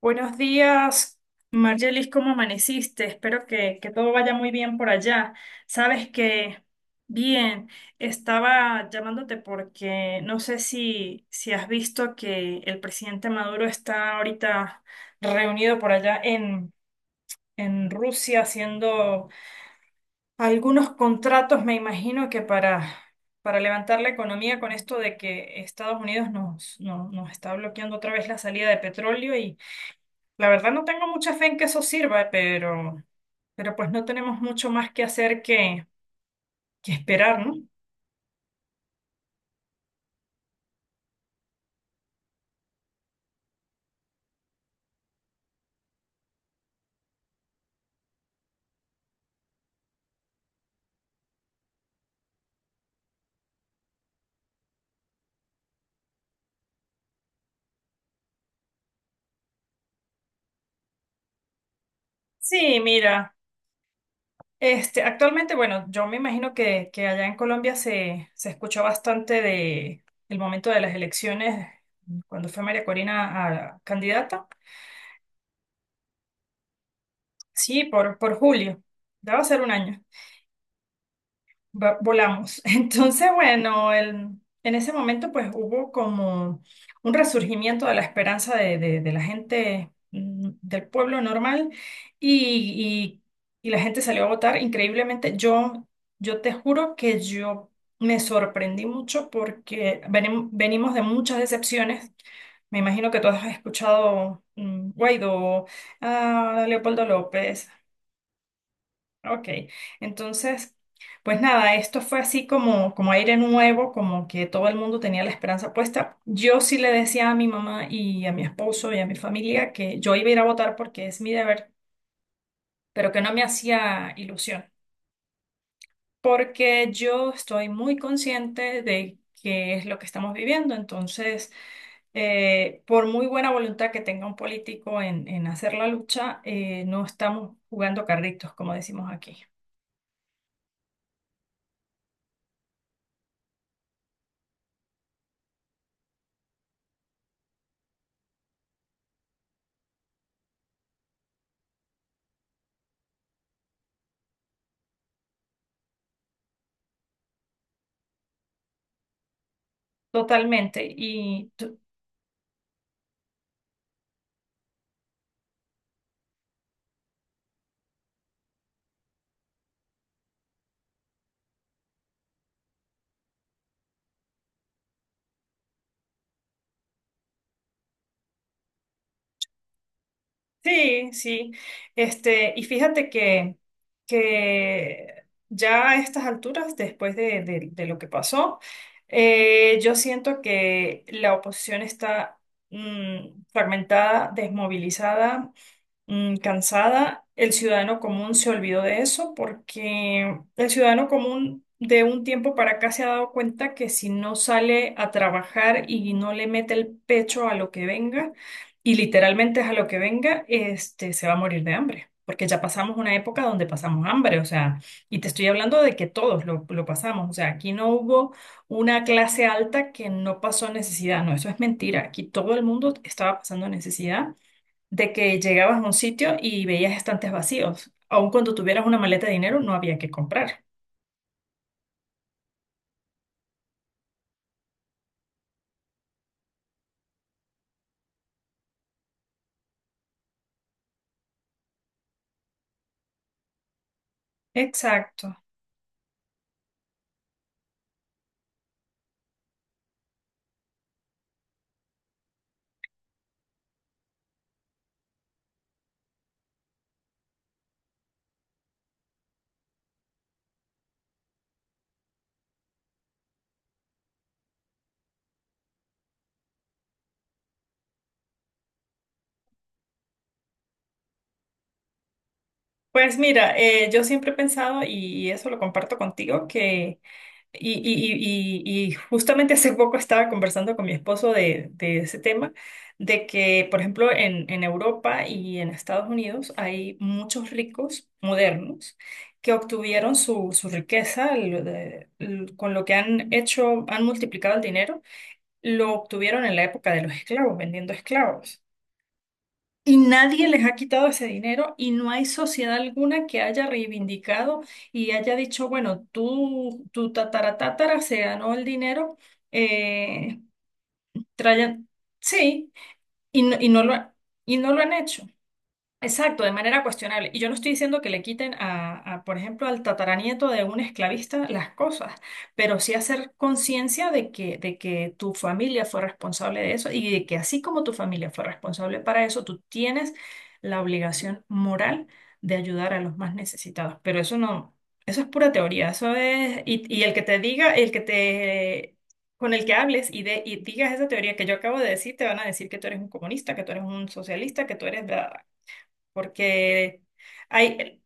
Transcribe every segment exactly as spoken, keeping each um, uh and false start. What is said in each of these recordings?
Buenos días, Margelis, ¿cómo amaneciste? Espero que, que todo vaya muy bien por allá. Sabes que, bien, estaba llamándote porque no sé si, si has visto que el presidente Maduro está ahorita reunido por allá en, en Rusia haciendo algunos contratos, me imagino que para, para levantar la economía con esto de que Estados Unidos nos, no- nos está bloqueando otra vez la salida de petróleo. La verdad no tengo mucha fe en que eso sirva, pero, pero pues no tenemos mucho más que hacer que, que esperar, ¿no? Sí, mira, este, actualmente, bueno, yo me imagino que, que allá en Colombia se, se escuchó bastante de el momento de las elecciones, cuando fue María Corina a candidata. Sí, por, por julio. Ya va a ser un año. Va- volamos. Entonces, bueno, el- en ese momento pues hubo como un resurgimiento de la esperanza de, de- de la gente mm, del pueblo normal y, y- y la gente salió a votar increíblemente. Yo, yo te juro que yo me sorprendí mucho porque venim- venimos de muchas decepciones. Me imagino que tú has escuchado mm, Guaidó, ah, Leopoldo López. Ok, entonces, pues nada, esto fue así como, como aire nuevo, como que todo el mundo tenía la esperanza puesta. Yo sí le decía a mi mamá y a mi esposo y a mi familia que yo iba a ir a votar porque es mi deber, pero que no me hacía ilusión, porque yo estoy muy consciente de qué es lo que estamos viviendo. Entonces, eh, por muy buena voluntad que tenga un político en, en hacer la lucha, eh, no estamos jugando carritos, como decimos aquí. Totalmente. Y sí, sí. Este, y fíjate que, que ya a estas alturas, después de, de- de lo que pasó, eh, yo siento que la oposición está mm, fragmentada, desmovilizada, mm, cansada. El ciudadano común se olvidó de eso porque el ciudadano común de un tiempo para acá se ha dado cuenta que si no sale a trabajar y no le mete el pecho a lo que venga, y literalmente es a lo que venga, este, se va a morir de hambre. Porque ya pasamos una época donde pasamos hambre, o sea, y te estoy hablando de que todos lo, lo pasamos, o sea, aquí no hubo una clase alta que no pasó necesidad, no, eso es mentira, aquí todo el mundo estaba pasando necesidad de que llegabas a un sitio y veías estantes vacíos. Aun cuando tuvieras una maleta de dinero, no había que comprar. Exacto. Pues mira, eh, yo siempre he pensado, y eso lo comparto contigo, que, y, y, y, y- y justamente hace poco estaba conversando con mi esposo de, de ese tema, de que, por ejemplo, en, en Europa y en Estados Unidos hay muchos ricos modernos que obtuvieron su, su riqueza, lo de- l- con lo que han hecho, han multiplicado el dinero lo obtuvieron en la época de los esclavos, vendiendo esclavos. Y nadie les ha quitado ese dinero y no hay sociedad alguna que haya reivindicado y haya dicho, bueno, tú, tu tatara se ganó el dinero, eh, traya- sí, y no, y no lo, ha- y no lo han hecho. Exacto, de manera cuestionable. Y yo no estoy diciendo que le quiten a, a, por ejemplo, al tataranieto de un esclavista las cosas, pero sí hacer conciencia de que, de que tu familia fue responsable de eso y de que así como tu familia fue responsable para eso, tú tienes la obligación moral de ayudar a los más necesitados. Pero eso no, eso es pura teoría, eso es, y, y el que te diga, el que te, con el que hables y, de, y digas esa teoría que yo acabo de decir, te van a decir que tú eres un comunista, que tú eres un socialista, que tú eres... bla, porque hay,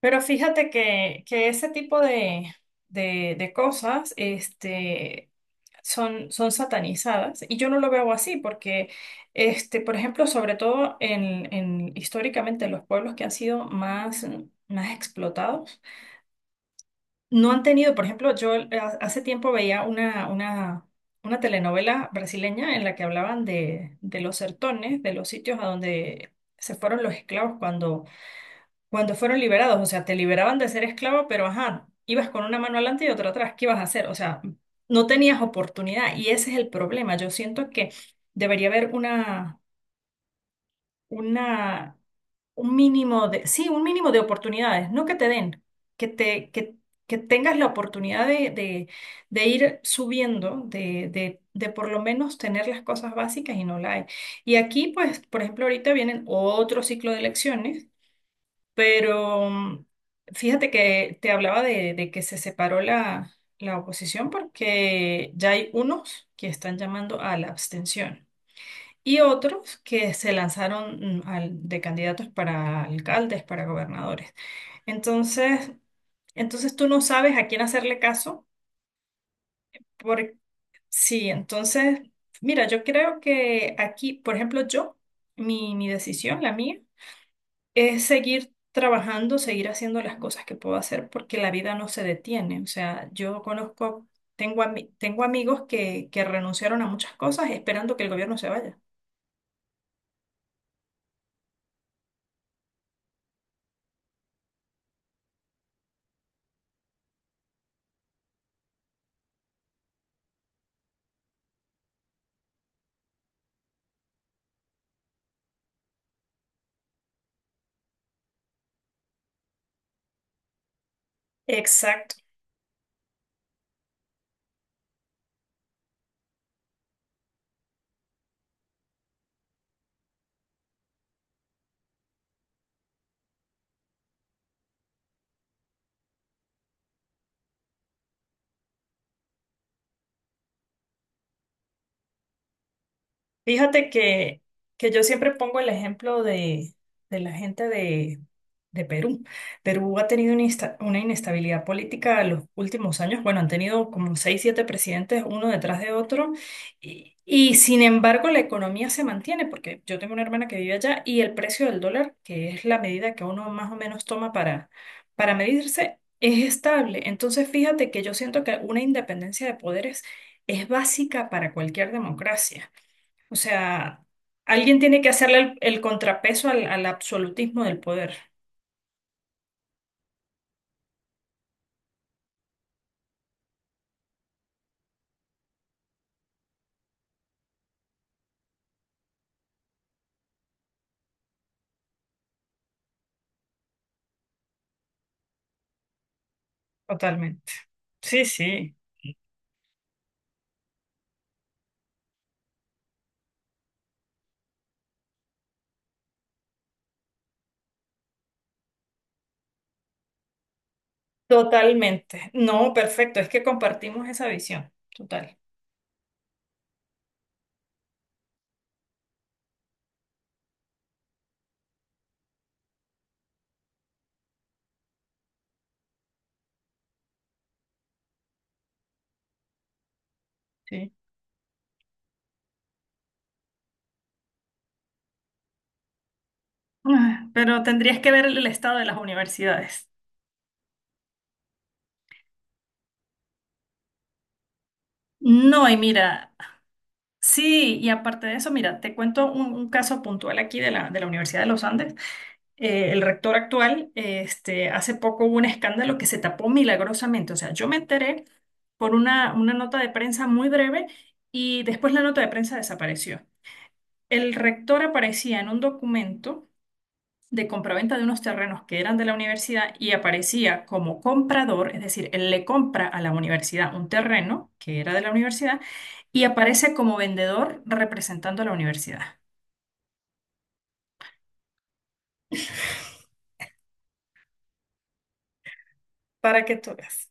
pero fíjate que, que ese tipo de, de, de cosas este, son, son satanizadas y yo no lo veo así porque, este, por ejemplo, sobre todo en, en históricamente los pueblos que han sido más, más explotados, no han tenido, por ejemplo, yo eh, hace tiempo veía una, una, una telenovela brasileña en la que hablaban de, de los sertones, de los sitios a donde se fueron los esclavos cuando Cuando fueron liberados, o sea, te liberaban de ser esclavo, pero ajá, ibas con una mano adelante y otra atrás, ¿qué ibas a hacer? O sea, no tenías oportunidad y ese es el problema. Yo siento que debería haber una, una, un mínimo de, sí, un mínimo de oportunidades, no que te den, que te, que, que tengas la oportunidad de, de, de ir subiendo, de, de, de por lo menos tener las cosas básicas y no la hay. Y aquí, pues, por ejemplo, ahorita vienen otro ciclo de elecciones, pero mm, fíjate que te hablaba de, de que se separó la, la oposición porque ya hay unos que están llamando a la abstención y otros que se lanzaron mm, al- de candidatos para alcaldes, para gobernadores. Entonces, entonces tú no sabes a quién hacerle caso. Por, sí, entonces, mira, yo creo que aquí, por ejemplo, yo, mi, mi decisión, la mía, es seguir trabajando, seguir haciendo las cosas que puedo hacer, porque la vida no se detiene. O sea, yo conozco, tengo, ami- tengo amigos que, que renunciaron a muchas cosas esperando que el gobierno se vaya. Exacto. Fíjate que, que yo siempre pongo el ejemplo de, de la gente de, de Perú. Perú ha tenido una, insta- una inestabilidad política en los últimos años. Bueno, han tenido como seis, siete presidentes uno detrás de otro. Y, y sin embargo, la economía se mantiene, porque yo tengo una hermana que vive allá y el precio del dólar, que es la medida que uno más o menos toma para, para medirse, es estable. Entonces, fíjate que yo siento que una independencia de poderes es básica para cualquier democracia. O sea, alguien tiene que hacerle el, el contrapeso al, al absolutismo del poder. Totalmente. Sí, sí, totalmente. No, perfecto. Es que compartimos esa visión. Total. Sí. Ah, pero tendrías que ver el estado de las universidades. No, y mira, sí, y aparte de eso, mira, te cuento un, un caso puntual aquí de la, de la Universidad de los Andes. Eh, el rector actual, eh, este, hace poco hubo un escándalo que se tapó milagrosamente. O sea, yo me enteré por una, una nota de prensa muy breve y después la nota de prensa desapareció. El rector aparecía en un documento de compraventa de unos terrenos que eran de la universidad y aparecía como comprador, es decir, él le compra a la universidad un terreno que era de la universidad y aparece como vendedor representando a la universidad. Para que tú veas.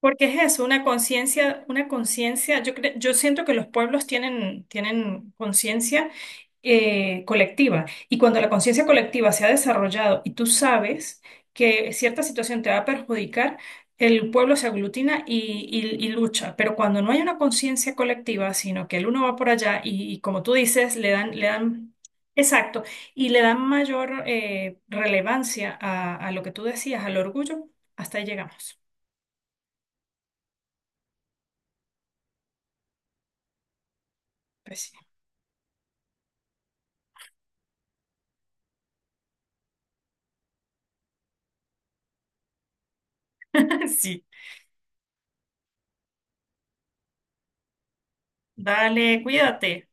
Porque es eso, una conciencia, una conciencia, yo cre- yo siento que los pueblos tienen, tienen conciencia, eh, colectiva, y cuando la conciencia colectiva se ha desarrollado y tú sabes que cierta situación te va a perjudicar, el pueblo se aglutina y, y- y lucha, pero cuando no hay una conciencia colectiva, sino que el uno va por allá y, y como tú dices, le dan, le dan, exacto, y le dan mayor eh, relevancia a, a lo que tú decías, al orgullo, hasta ahí llegamos. Pues sí. Sí. Dale, cuídate.